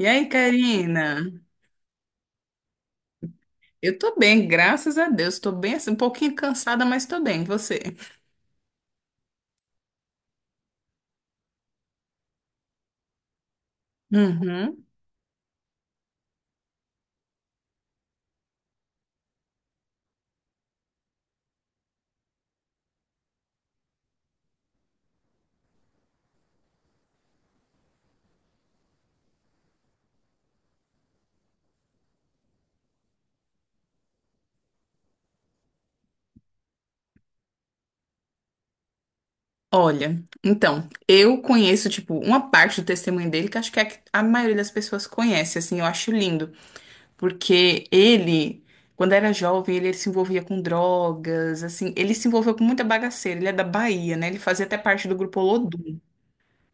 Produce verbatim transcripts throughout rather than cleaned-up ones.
E aí, Karina? Eu tô bem, graças a Deus. Tô bem assim, um pouquinho cansada, mas tô bem. E Você? Uhum. Olha, então, eu conheço, tipo, uma parte do testemunho dele que acho que é a, que a maioria das pessoas conhece, assim, eu acho lindo. Porque ele, quando era jovem, ele se envolvia com drogas, assim, ele se envolveu com muita bagaceira. Ele é da Bahia, né? Ele fazia até parte do grupo Olodum.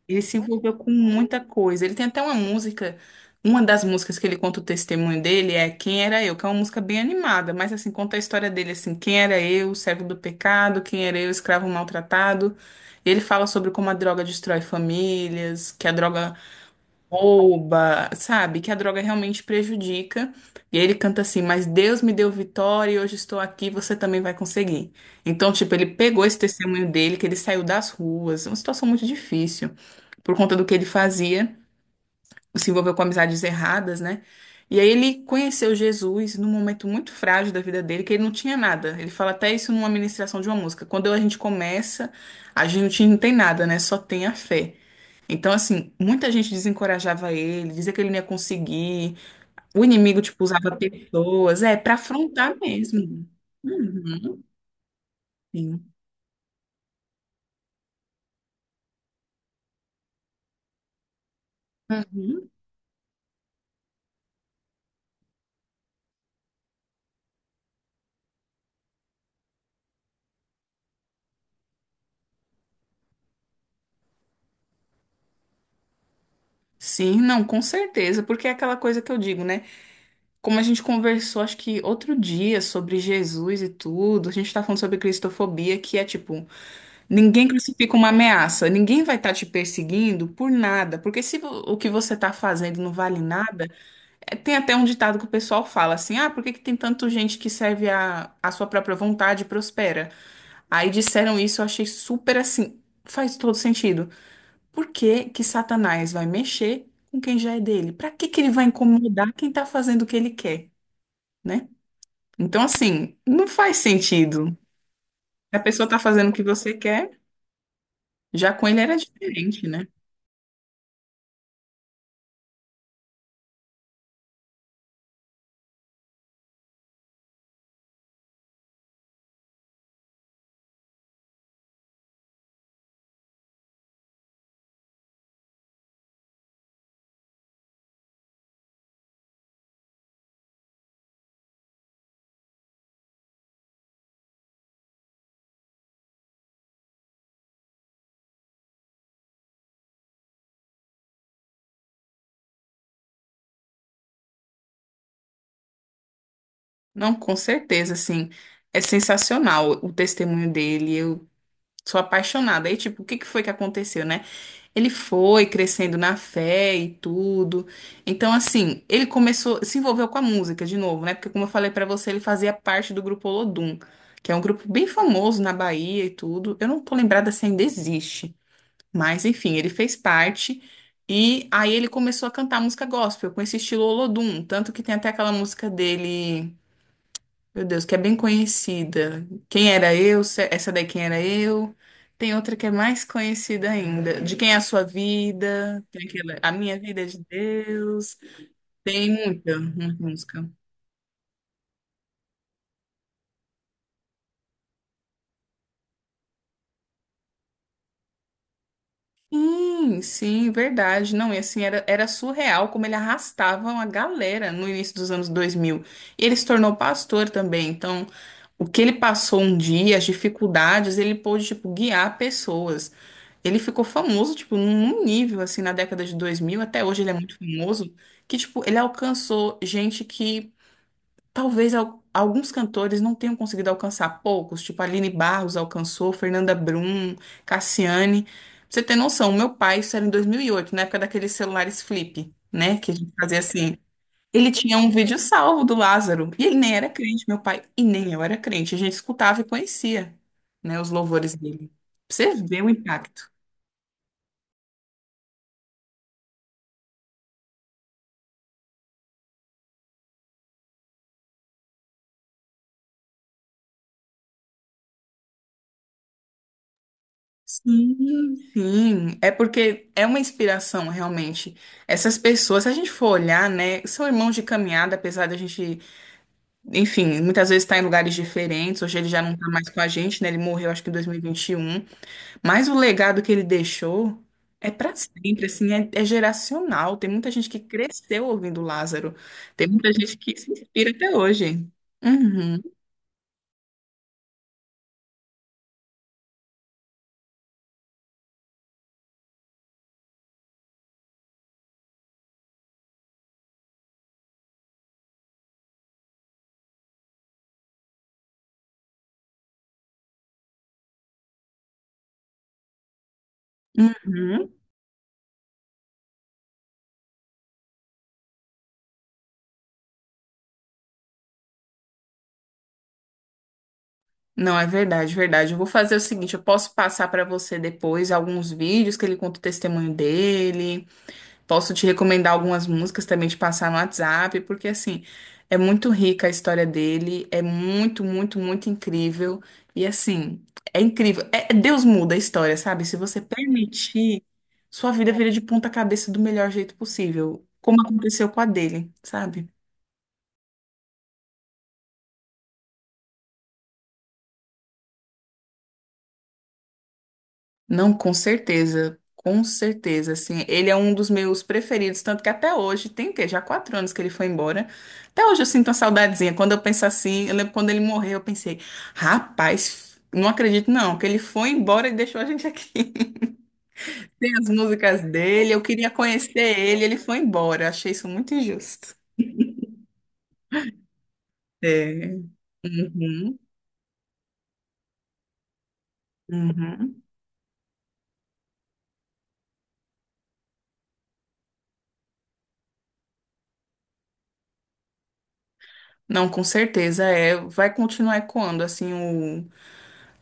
Ele se envolveu com muita coisa. Ele tem até uma música, uma das músicas que ele conta o testemunho dele é Quem Era Eu, que é uma música bem animada, mas assim, conta a história dele assim, quem era eu, servo do pecado, quem era eu, escravo maltratado. E ele fala sobre como a droga destrói famílias, que a droga rouba, sabe? Que a droga realmente prejudica. E aí ele canta assim, mas Deus me deu vitória e hoje estou aqui, você também vai conseguir. Então, tipo, ele pegou esse testemunho dele, que ele saiu das ruas, uma situação muito difícil por conta do que ele fazia, se envolveu com amizades erradas, né? E aí ele conheceu Jesus num momento muito frágil da vida dele, que ele não tinha nada. Ele fala até isso numa ministração de uma música. Quando a gente começa, a gente não tem nada, né? Só tem a fé. Então, assim, muita gente desencorajava ele, dizia que ele não ia conseguir. O inimigo, tipo, usava pessoas, é, pra afrontar mesmo. Uhum, sim. Uhum. Sim, não, com certeza, porque é aquela coisa que eu digo, né? Como a gente conversou, acho que outro dia, sobre Jesus e tudo, a gente tá falando sobre cristofobia, que é tipo, ninguém crucifica uma ameaça, ninguém vai estar te perseguindo por nada, porque se vo- o que você tá fazendo não vale nada, é, tem até um ditado que o pessoal fala assim, ah, por que que tem tanta gente que serve a, a sua própria vontade e prospera? Aí disseram isso, eu achei super assim, faz todo sentido. Por que que Satanás vai mexer com quem já é dele? Pra que que ele vai incomodar quem tá fazendo o que ele quer? Né? Então, assim, não faz sentido. A pessoa tá fazendo o que você quer, já com ele era diferente, né? Não, com certeza, assim, é sensacional o testemunho dele. Eu sou apaixonada. Aí, tipo, o que que foi que aconteceu, né? Ele foi crescendo na fé e tudo. Então, assim, ele começou, se envolveu com a música de novo, né? Porque, como eu falei pra você, ele fazia parte do grupo Olodum, que é um grupo bem famoso na Bahia e tudo. Eu não tô lembrada se ainda existe. Mas enfim, ele fez parte e aí ele começou a cantar música gospel com esse estilo Olodum, tanto que tem até aquela música dele, meu Deus, que é bem conhecida. Quem era eu? Se- Essa daí quem era eu? Tem outra que é mais conhecida ainda, De quem é a sua vida? Tem aquela A minha vida é de Deus. Tem muita, muita música. Sim, sim, verdade. Não, e assim, era, era surreal como ele arrastava uma galera no início dos anos dois mil. E ele se tornou pastor também, então o que ele passou um dia, as dificuldades, ele pôde, tipo, guiar pessoas. Ele ficou famoso, tipo, num nível, assim, na década de dois mil até hoje ele é muito famoso, que, tipo, ele alcançou gente que talvez al- alguns cantores não tenham conseguido alcançar, poucos, tipo, Aline Barros alcançou, Fernanda Brum, Cassiane. Pra você ter noção, o meu pai, isso era em dois mil e oito na época daqueles celulares flip, né, que a gente fazia assim, ele tinha um vídeo salvo do Lázaro. E ele nem era crente, meu pai. E nem eu era crente. A gente escutava e conhecia, né, os louvores dele. Pra Você vê o impacto. Sim, sim. É porque é uma inspiração, realmente. Essas pessoas, se a gente for olhar, né, são irmãos de caminhada, apesar da gente, enfim, muitas vezes estar em lugares diferentes. Hoje ele já não está mais com a gente, né? Ele morreu, acho que em dois mil e vinte e um. Mas o legado que ele deixou é para sempre, assim, é, é geracional. Tem muita gente que cresceu ouvindo Lázaro. Tem muita gente que se inspira até hoje. Uhum, uhum. Não, é verdade, verdade. Eu vou fazer o seguinte, eu posso passar para você depois alguns vídeos que ele conta o testemunho dele. Posso te recomendar algumas músicas também de passar no WhatsApp, porque assim, é muito rica a história dele, é muito, muito, muito incrível. E assim, é incrível. É, é, Deus muda a história, sabe? Se você permitir, sua vida vira de ponta cabeça do melhor jeito possível, como aconteceu com a dele, sabe? Não, com certeza, com certeza, assim, ele é um dos meus preferidos, tanto que até hoje, tem o quê? Já quatro anos que ele foi embora, até hoje eu sinto uma saudadezinha, quando eu penso assim, eu lembro quando ele morreu, eu pensei, rapaz, não acredito não, que ele foi embora e deixou a gente aqui, tem as músicas dele, eu queria conhecer ele, ele foi embora, eu achei isso muito injusto. É. Uhum, uhum. Não, com certeza, é, vai continuar ecoando, assim,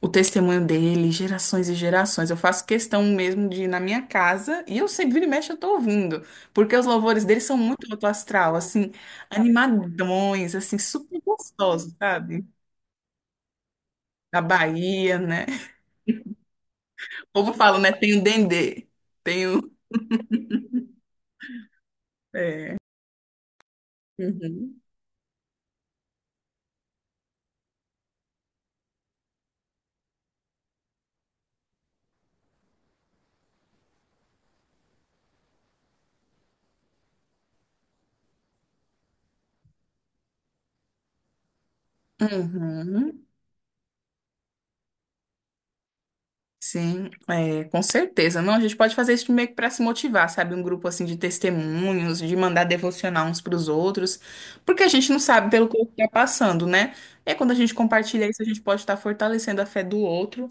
o testemunho dele, gerações e gerações. Eu faço questão mesmo de ir na minha casa e eu sempre vira e mexe eu tô ouvindo, porque os louvores dele são muito alto astral, assim, animadões, assim, super gostosos, sabe? Da Bahia, né? O povo fala, né? Tem o dendê, tem o... É. Uhum. Uhum. Sim, é, com certeza. Não, a gente pode fazer isso meio que para se motivar, sabe? Um grupo assim de testemunhos, de mandar devocionar uns para os outros, porque a gente não sabe pelo que o outro está passando, né? É quando a gente compartilha isso, a gente pode estar fortalecendo a fé do outro.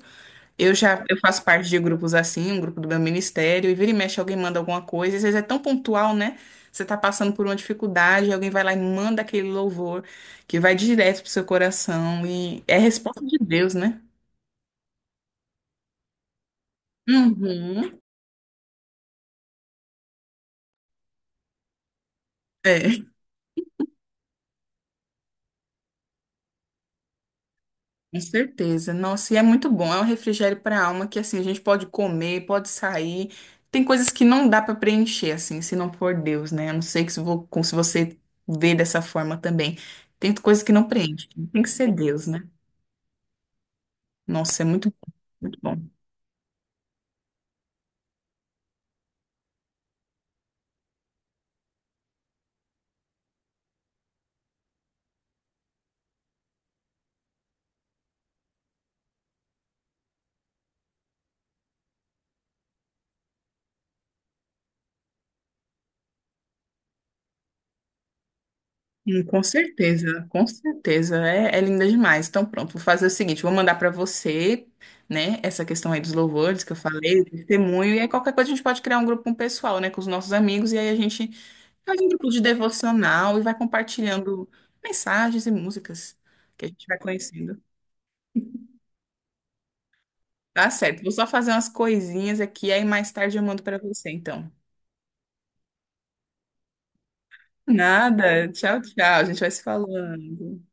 Eu já eu faço parte de grupos assim, um grupo do meu ministério, e vira e mexe alguém manda alguma coisa, às vezes é tão pontual, né? Você está passando por uma dificuldade, alguém vai lá e manda aquele louvor que vai direto pro seu coração e é resposta de Deus, né? Uhum. É. Com certeza. Nossa, e é muito bom. É um refrigério para a alma que assim a gente pode comer, pode sair. Tem coisas que não dá para preencher assim, se não for Deus, né? A não sei que se vo- com- se você vê dessa forma também. Tem coisas que não preenche. Tem que ser Deus, né? Nossa, é muito bom, muito bom. Hum, com certeza, com certeza. É, é linda demais. Então pronto, vou fazer o seguinte, vou mandar para você, né, essa questão aí dos louvores que eu falei, do testemunho, e aí qualquer coisa a gente pode criar um grupo com o pessoal, né, com os nossos amigos, e aí a gente faz um grupo de devocional e vai compartilhando mensagens e músicas que a gente vai conhecendo. Tá certo. Vou só fazer umas coisinhas aqui, aí mais tarde eu mando para você, então. Nada. Tchau, tchau. A gente vai se falando.